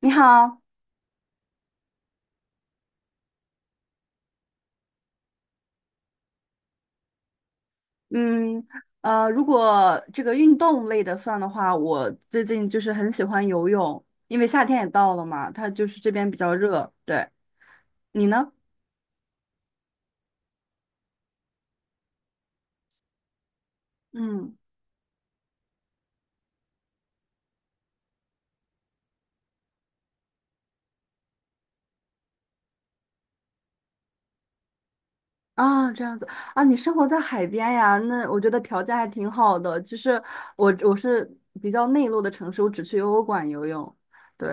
你好，嗯，如果这个运动类的算的话，我最近就是很喜欢游泳，因为夏天也到了嘛，它就是这边比较热。对，你呢？嗯，啊，这样子啊，你生活在海边呀？那我觉得条件还挺好的。就是我是比较内陆的城市，我只去游泳馆游泳。对，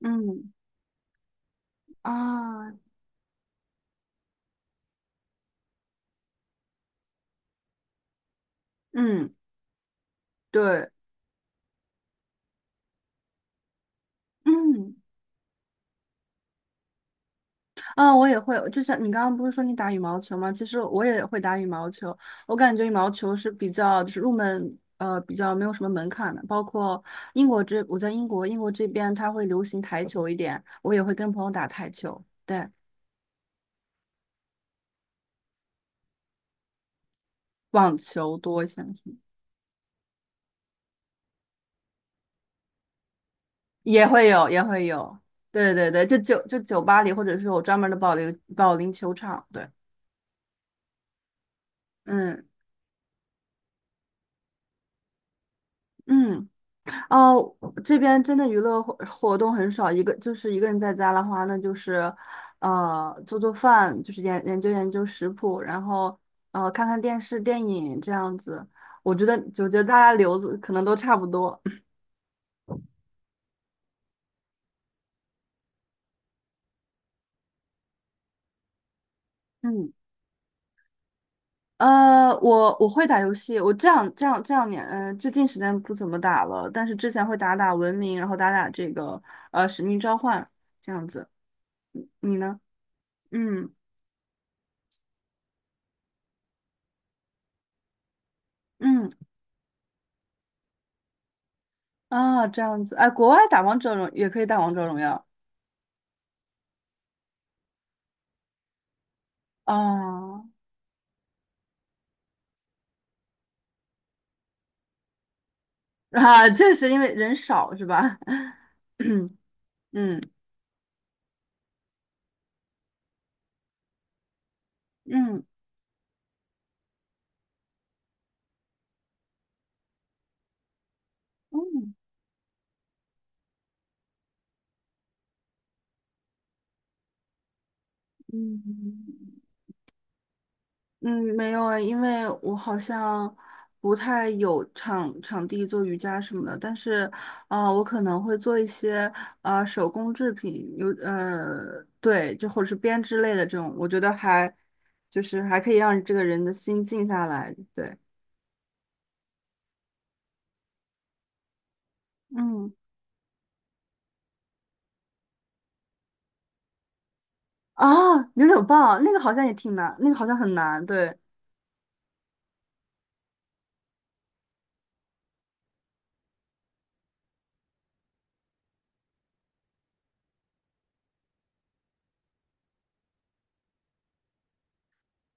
嗯，啊，嗯，对，嗯。啊，我也会，就像你刚刚不是说你打羽毛球吗？其实我也会打羽毛球，我感觉羽毛球是比较就是入门，比较没有什么门槛的。包括英国这，我在英国，英国这边它会流行台球一点，我也会跟朋友打台球，对，网球多一些，也会有，也会有，对对对，就酒吧里，或者是有专门的保龄球场，对，嗯嗯。哦，这边真的娱乐活动很少，一个就是一个人在家的话，那就是，做做饭，就是研究研究食谱，然后看看电视、电影这样子。我觉得，我觉得大家留子可能都差不多。嗯，我会打游戏，我这两年，嗯、最近时间不怎么打了，但是之前会打打文明，然后打打这个使命召唤这样子。嗯你呢？嗯嗯。啊，这样子，哎，国外打王者荣也可以打王者荣耀啊。啊，确实因为人少是吧？嗯嗯嗯嗯嗯嗯，没有哎，因为我好像不太有场地做瑜伽什么的，但是啊、我可能会做一些啊、手工制品，有对，就或者是编织类的这种，我觉得还就是还可以让这个人的心静下来，对，嗯。啊，扭扭棒那个好像也挺难，那个好像很难，对。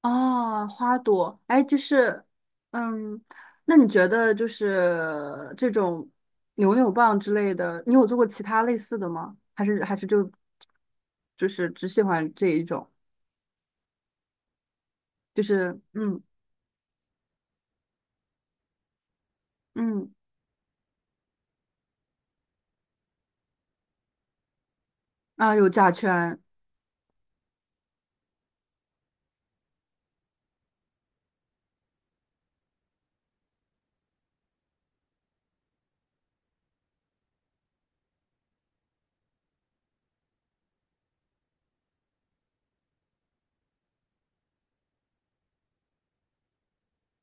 啊，花朵，哎，就是，嗯，那你觉得就是这种扭扭棒之类的，你有做过其他类似的吗？还是就就是只喜欢这一种？就是嗯嗯。啊，有甲醛。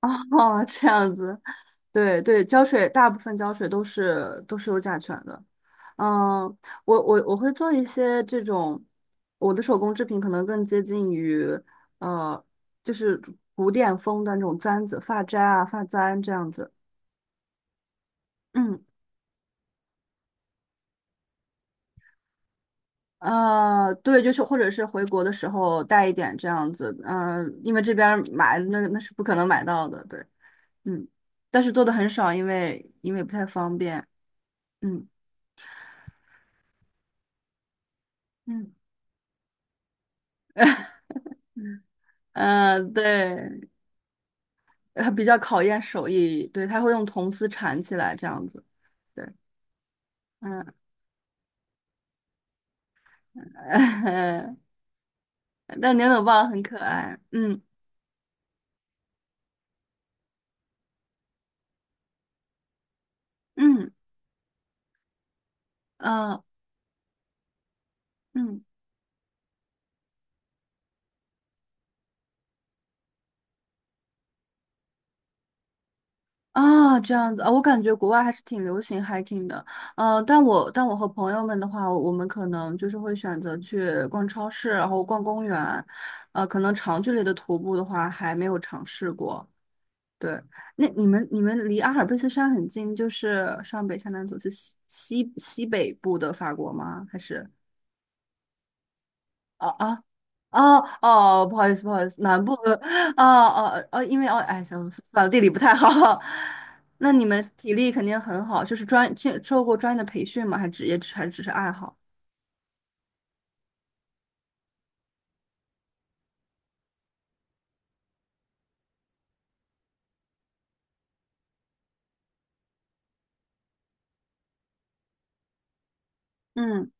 啊，这样子。对对，大部分胶水都是都是有甲醛的。嗯，我会做一些这种，我的手工制品可能更接近于呃，就是古典风的那种簪子、发簪啊、发簪这样子。嗯。对，就是或者是回国的时候带一点这样子，嗯、因为这边儿买那那是不可能买到的，对，嗯，但是做的很少，因为不太方便，嗯嗯 嗯，对。比较考验手艺，对，他会用铜丝缠起来这样子，对，嗯，但牛角棒很可爱，嗯嗯呃嗯啊，这样子啊，我感觉国外还是挺流行 hiking 的，但我和朋友们的话，我们可能就是会选择去逛超市，然后逛公园，可能长距离的徒步的话还没有尝试过，对，那你们离阿尔卑斯山很近，就是上北下南左是西北部的法国吗？还是哦啊哦哦，不好意思，南部的哦哦哦，因为哦哎，想反正地理不太好。那你们体力肯定很好，就是专经受过专业的培训吗？还职业还只是爱好？嗯。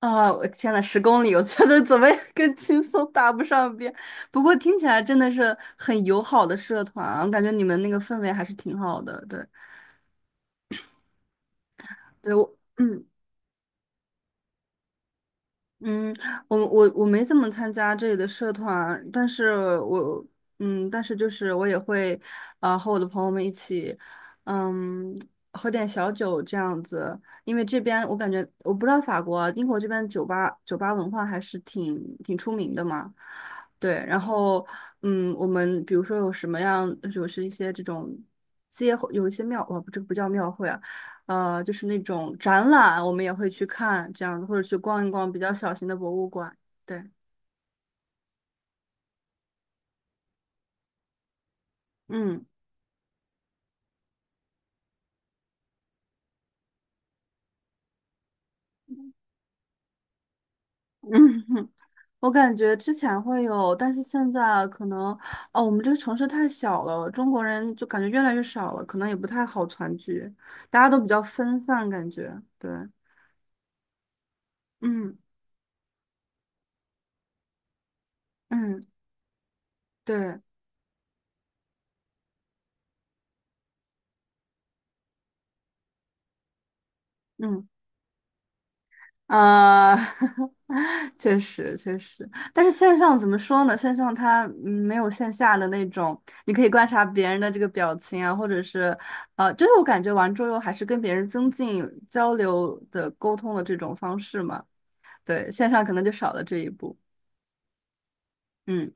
啊，我天呐，10公里，我觉得怎么也 跟轻松搭不上边。不过听起来真的是很友好的社团啊，我感觉你们那个氛围还是挺好的。对，对我，嗯。嗯，我没怎么参加这里的社团，但是我嗯，但是就是我也会，啊和我的朋友们一起，嗯，喝点小酒这样子，因为这边我感觉我不知道法国，英国这边酒吧文化还是挺挺出名的嘛，对，然后嗯，我们比如说有什么样，就是一些这种街有一些庙，哦，不，这个不叫庙会啊。就是那种展览，我们也会去看这样子，或者去逛一逛比较小型的博物馆。对，嗯嗯，我感觉之前会有，但是现在可能，哦，我们这个城市太小了，中国人就感觉越来越少了，可能也不太好团聚，大家都比较分散，感觉对，嗯嗯，对，嗯。啊，确实确实，但是线上怎么说呢？线上它没有线下的那种，你可以观察别人的这个表情啊，或者是，就是我感觉玩桌游还是跟别人增进交流的沟通的这种方式嘛。对，线上可能就少了这一步。嗯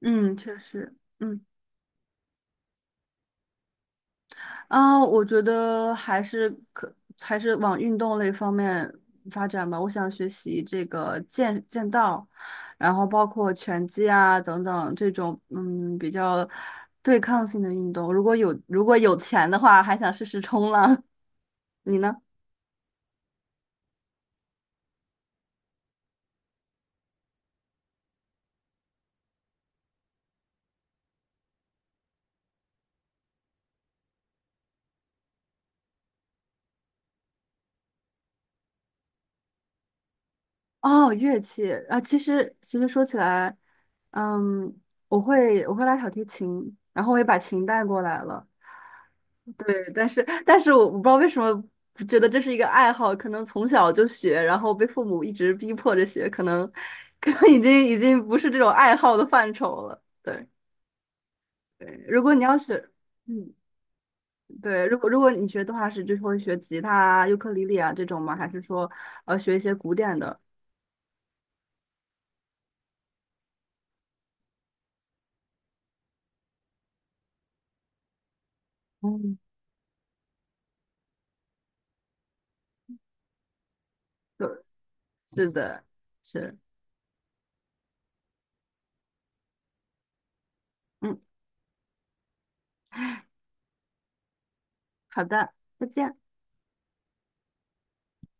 嗯，确实，嗯。啊，我觉得还是往运动类方面发展吧。我想学习这个剑道，然后包括拳击啊等等这种嗯比较对抗性的运动。如果有钱的话，还想试试冲浪。你呢？哦，乐器啊，其实其实说起来，嗯，我会拉小提琴，然后我也把琴带过来了。对，但是我不知道为什么觉得这是一个爱好，可能从小就学，然后被父母一直逼迫着学，可能已经不是这种爱好的范畴了。对对，如果你要是嗯，对，如果如果你学动画师，就是会学吉他啊、尤克里里啊这种吗？还是说学一些古典的？嗯，对，是的，是，嗯，好的，再见。